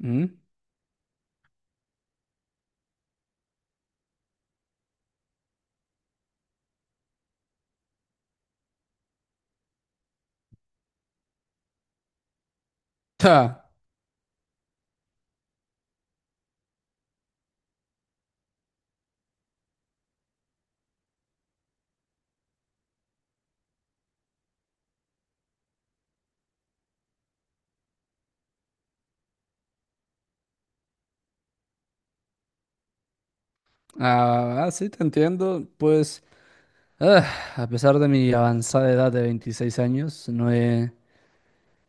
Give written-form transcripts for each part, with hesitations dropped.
Mm, ta. Ah, sí, te entiendo. Pues, ah, a pesar de mi avanzada edad de 26 años,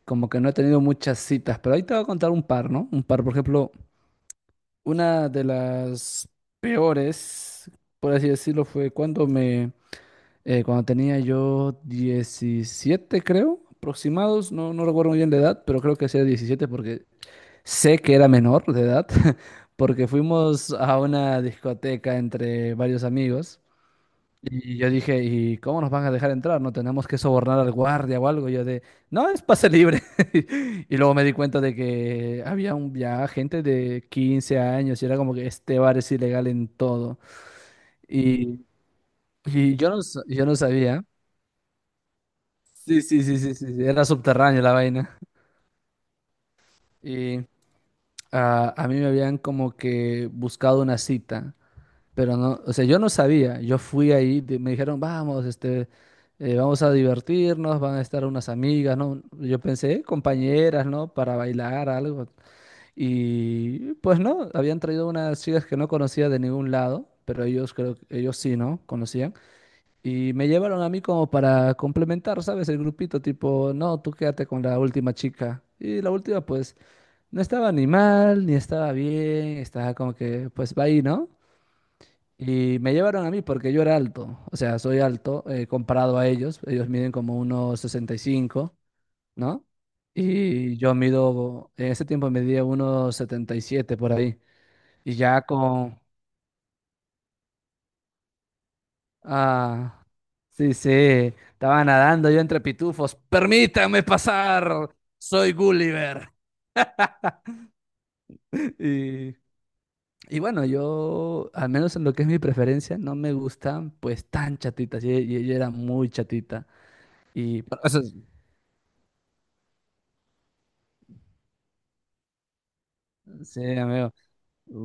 como que no he tenido muchas citas, pero ahí te voy a contar un par, ¿no? Un par, por ejemplo, una de las peores, por así decirlo, fue cuando cuando tenía yo 17, creo, aproximados, no, no recuerdo muy bien la edad, pero creo que sea 17 porque sé que era menor de edad porque fuimos a una discoteca entre varios amigos y yo dije, ¿y cómo nos van a dejar entrar? ¿No tenemos que sobornar al guardia o algo? Yo de, no, es pase libre. Y luego me di cuenta de que había un, ya gente de 15 años y era como que este bar es ilegal en todo. Y, y yo no sabía. Sí, sí, sí, sí, sí, sí, era subterráneo la vaina. Y a mí me habían como que buscado una cita. Pero no, o sea, yo no sabía, yo fui ahí, me dijeron, vamos a divertirnos, van a estar unas amigas, ¿no? Yo pensé, Compañeras, ¿no? Para bailar algo." Y pues no, habían traído unas chicas que no conocía de ningún lado, pero ellos creo, ellos sí, ¿no? Conocían. Y me llevaron a mí como para complementar, ¿sabes? El grupito, tipo, no, tú quédate con la última chica. Y la última, pues, no estaba ni mal, ni estaba bien, estaba como que, pues, va ahí, ¿no? Y me llevaron a mí porque yo era alto, o sea, soy alto comparado a ellos, ellos miden como unos 65, ¿no? Y yo mido, en ese tiempo medía unos 77 por ahí, y ya con, ah, sí, sí, estaba nadando yo entre pitufos, permítanme pasar, soy Gulliver. Y, y bueno, yo, al menos en lo que es mi preferencia, no me gustan pues tan chatitas, yo era muy chatita, y... eso. Sí, amigo.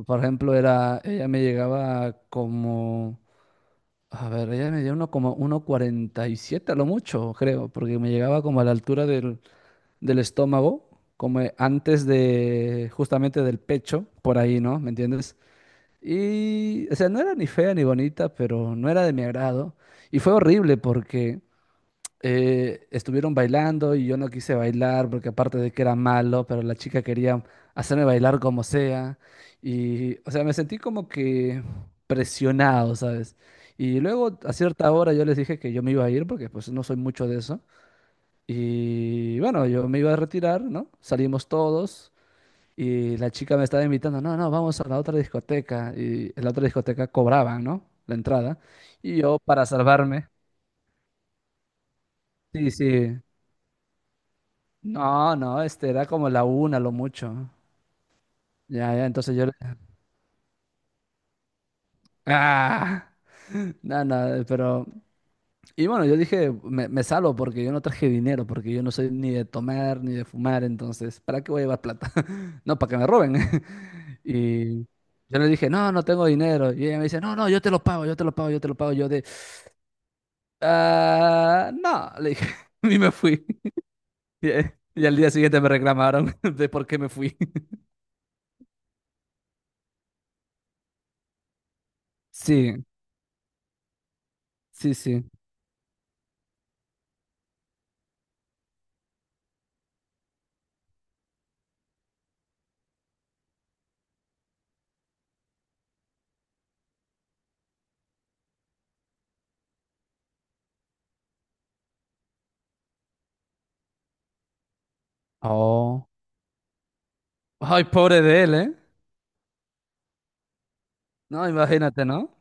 Por ejemplo, era, ella me llegaba como, a ver, ella me dio uno como 1,47 a lo mucho, creo, porque me llegaba como a la altura del, del estómago, como antes de, justamente del pecho, por ahí, ¿no? ¿Me entiendes? Y, o sea, no era ni fea ni bonita, pero no era de mi agrado. Y fue horrible porque estuvieron bailando y yo no quise bailar porque aparte de que era malo, pero la chica quería hacerme bailar como sea. Y, o sea, me sentí como que presionado, ¿sabes? Y luego a cierta hora yo les dije que yo me iba a ir porque pues no soy mucho de eso. Y bueno, yo me iba a retirar, ¿no? Salimos todos y la chica me estaba invitando, no, no, vamos a la otra discoteca. Y en la otra discoteca cobraban, ¿no? La entrada. Y yo para salvarme, sí, sí, no, no, este era como la una, lo mucho. Ya, ya, entonces yo... le- ¡Ah! Nada, nada, pero... Y bueno, yo dije, me salvo porque yo no traje dinero, porque yo no soy ni de tomar ni de fumar, entonces, ¿para qué voy a llevar plata? No, para que me roben. Y yo le dije, no, no tengo dinero. Y ella me dice, no, no, yo te lo pago, yo te lo pago, yo te lo pago. Yo de, ah, no, le dije, y me fui. Y al día siguiente me reclamaron de por qué me fui. Sí, sí, sí. Oh. Ay, pobre de él, ¿eh? No, imagínate, ¿no?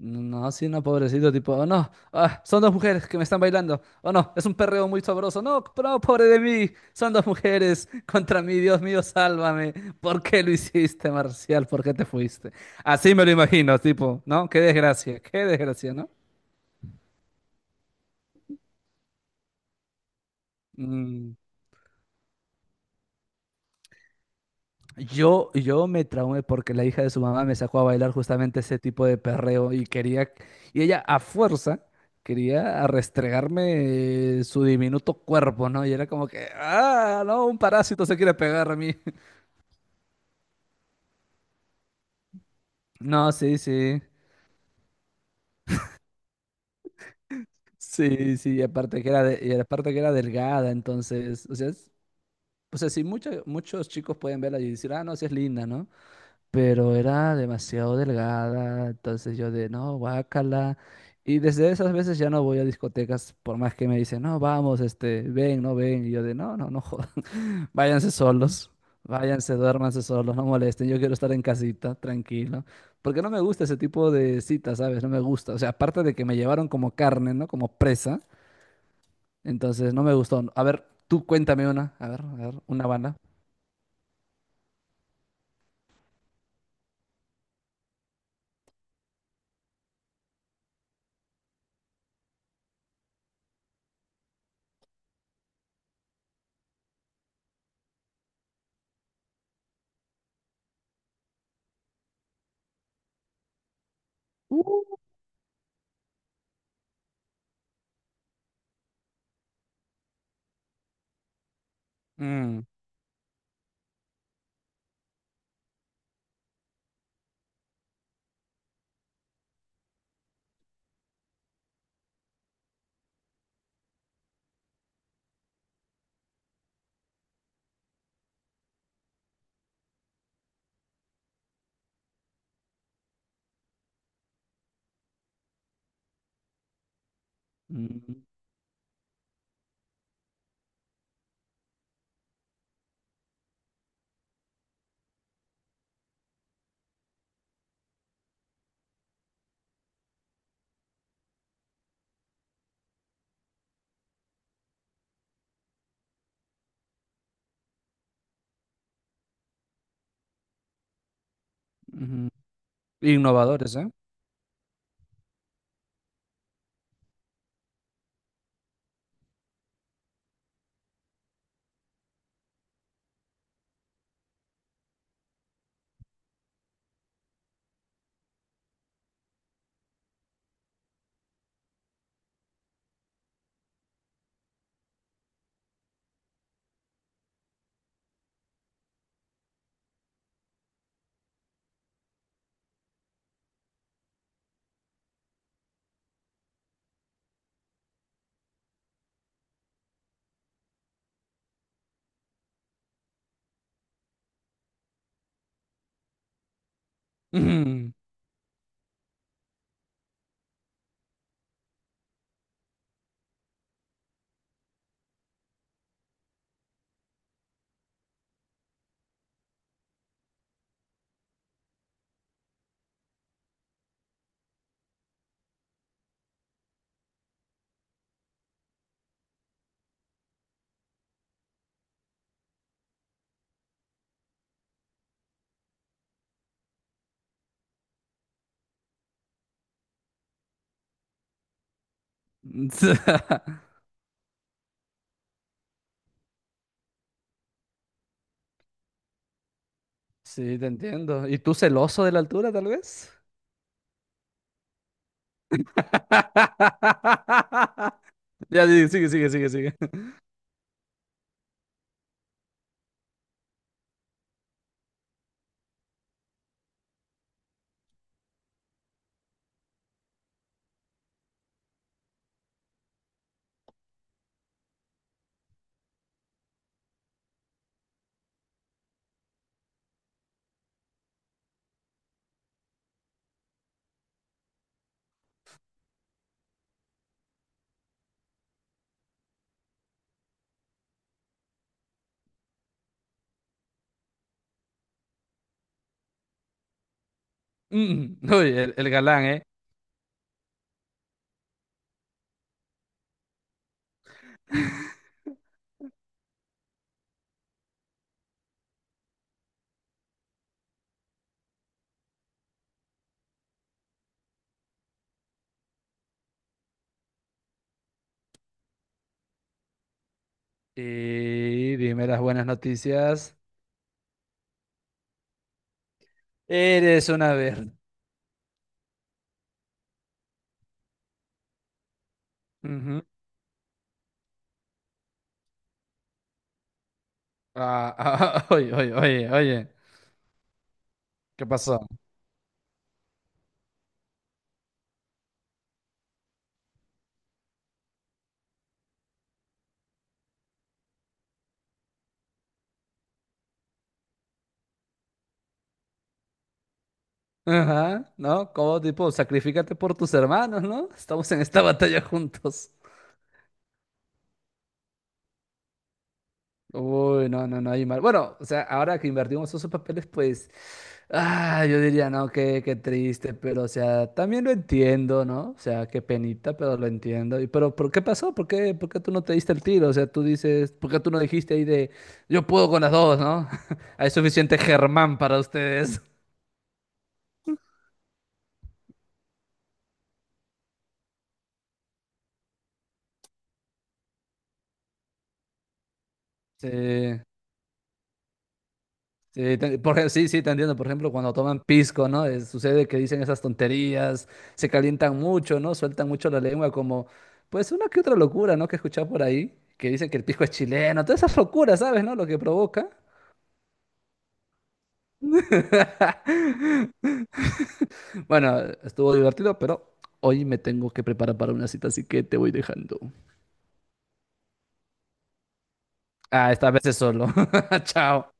No, sí, no, pobrecito, tipo, oh no, ah, son dos mujeres que me están bailando, oh no, es un perreo muy sabroso, no, no, pobre de mí, son dos mujeres contra mí, Dios mío, sálvame, ¿por qué lo hiciste, Marcial? ¿Por qué te fuiste? Así me lo imagino, tipo, ¿no? Qué desgracia, ¿no? Mm. Yo me traumé porque la hija de su mamá me sacó a bailar justamente ese tipo de perreo y quería, y ella a fuerza quería restregarme su diminuto cuerpo, ¿no? Y era como que, ah, no, un parásito se quiere pegar a mí. No, sí, sí, sí, sí, y aparte que era, de- y aparte que era delgada, entonces, o sea, o sea, sí, muchos chicos pueden verla y decir, ah, no, sí es linda, ¿no? Pero era demasiado delgada, entonces yo de, no, guácala. Y desde esas veces ya no voy a discotecas, por más que me dicen, no, vamos, este, ven, no ven. Y yo de, no, no, no jodan, váyanse solos, váyanse, duérmanse solos, no molesten, yo quiero estar en casita, tranquilo. Porque no me gusta ese tipo de citas, ¿sabes? No me gusta. O sea, aparte de que me llevaron como carne, ¿no? Como presa, entonces no me gustó. A ver, tú cuéntame una, a ver, una banda. Uh. Mm, mm, ujú. Innovadores, ¿eh? Ujú. Sí, te entiendo. ¿Y tú celoso de la altura, tal vez? Ya, sí, sigue, sigue, sigue, sigue. Mm. Uy, el galán, ¿eh? Y dime las buenas noticias. Eres una verde. Ujú. Ah, ah, ah, oye, oye, oye, oye. ¿Qué pasó? Ajá, ¿no? Como tipo, sacrifícate por tus hermanos, ¿no? Estamos en esta batalla juntos. Uy, no, no, no hay mal. Bueno, o sea, ahora que invertimos esos papeles, pues, yo diría, no, qué, qué triste, pero, o sea, también lo entiendo, ¿no? O sea, qué penita, pero lo entiendo. Y, pero, ¿por qué pasó? Por qué tú no te diste el tiro? O sea, tú dices, ¿por qué tú no dijiste ahí de, yo puedo con las dos, ¿no? Hay suficiente Germán para ustedes. Sí. Sí, sí, sí, te entiendo. Por ejemplo, cuando toman pisco, ¿no? Sucede que dicen esas tonterías, se calientan mucho, ¿no? Sueltan mucho la lengua, como, pues una que otra locura, ¿no? Que he escuchado por ahí, que dicen que el pisco es chileno, todas esas locuras, ¿sabes, no? Lo que provoca. Bueno, estuvo divertido, pero hoy me tengo que preparar para una cita, así que te voy dejando. Ah, esta vez es solo. Chao.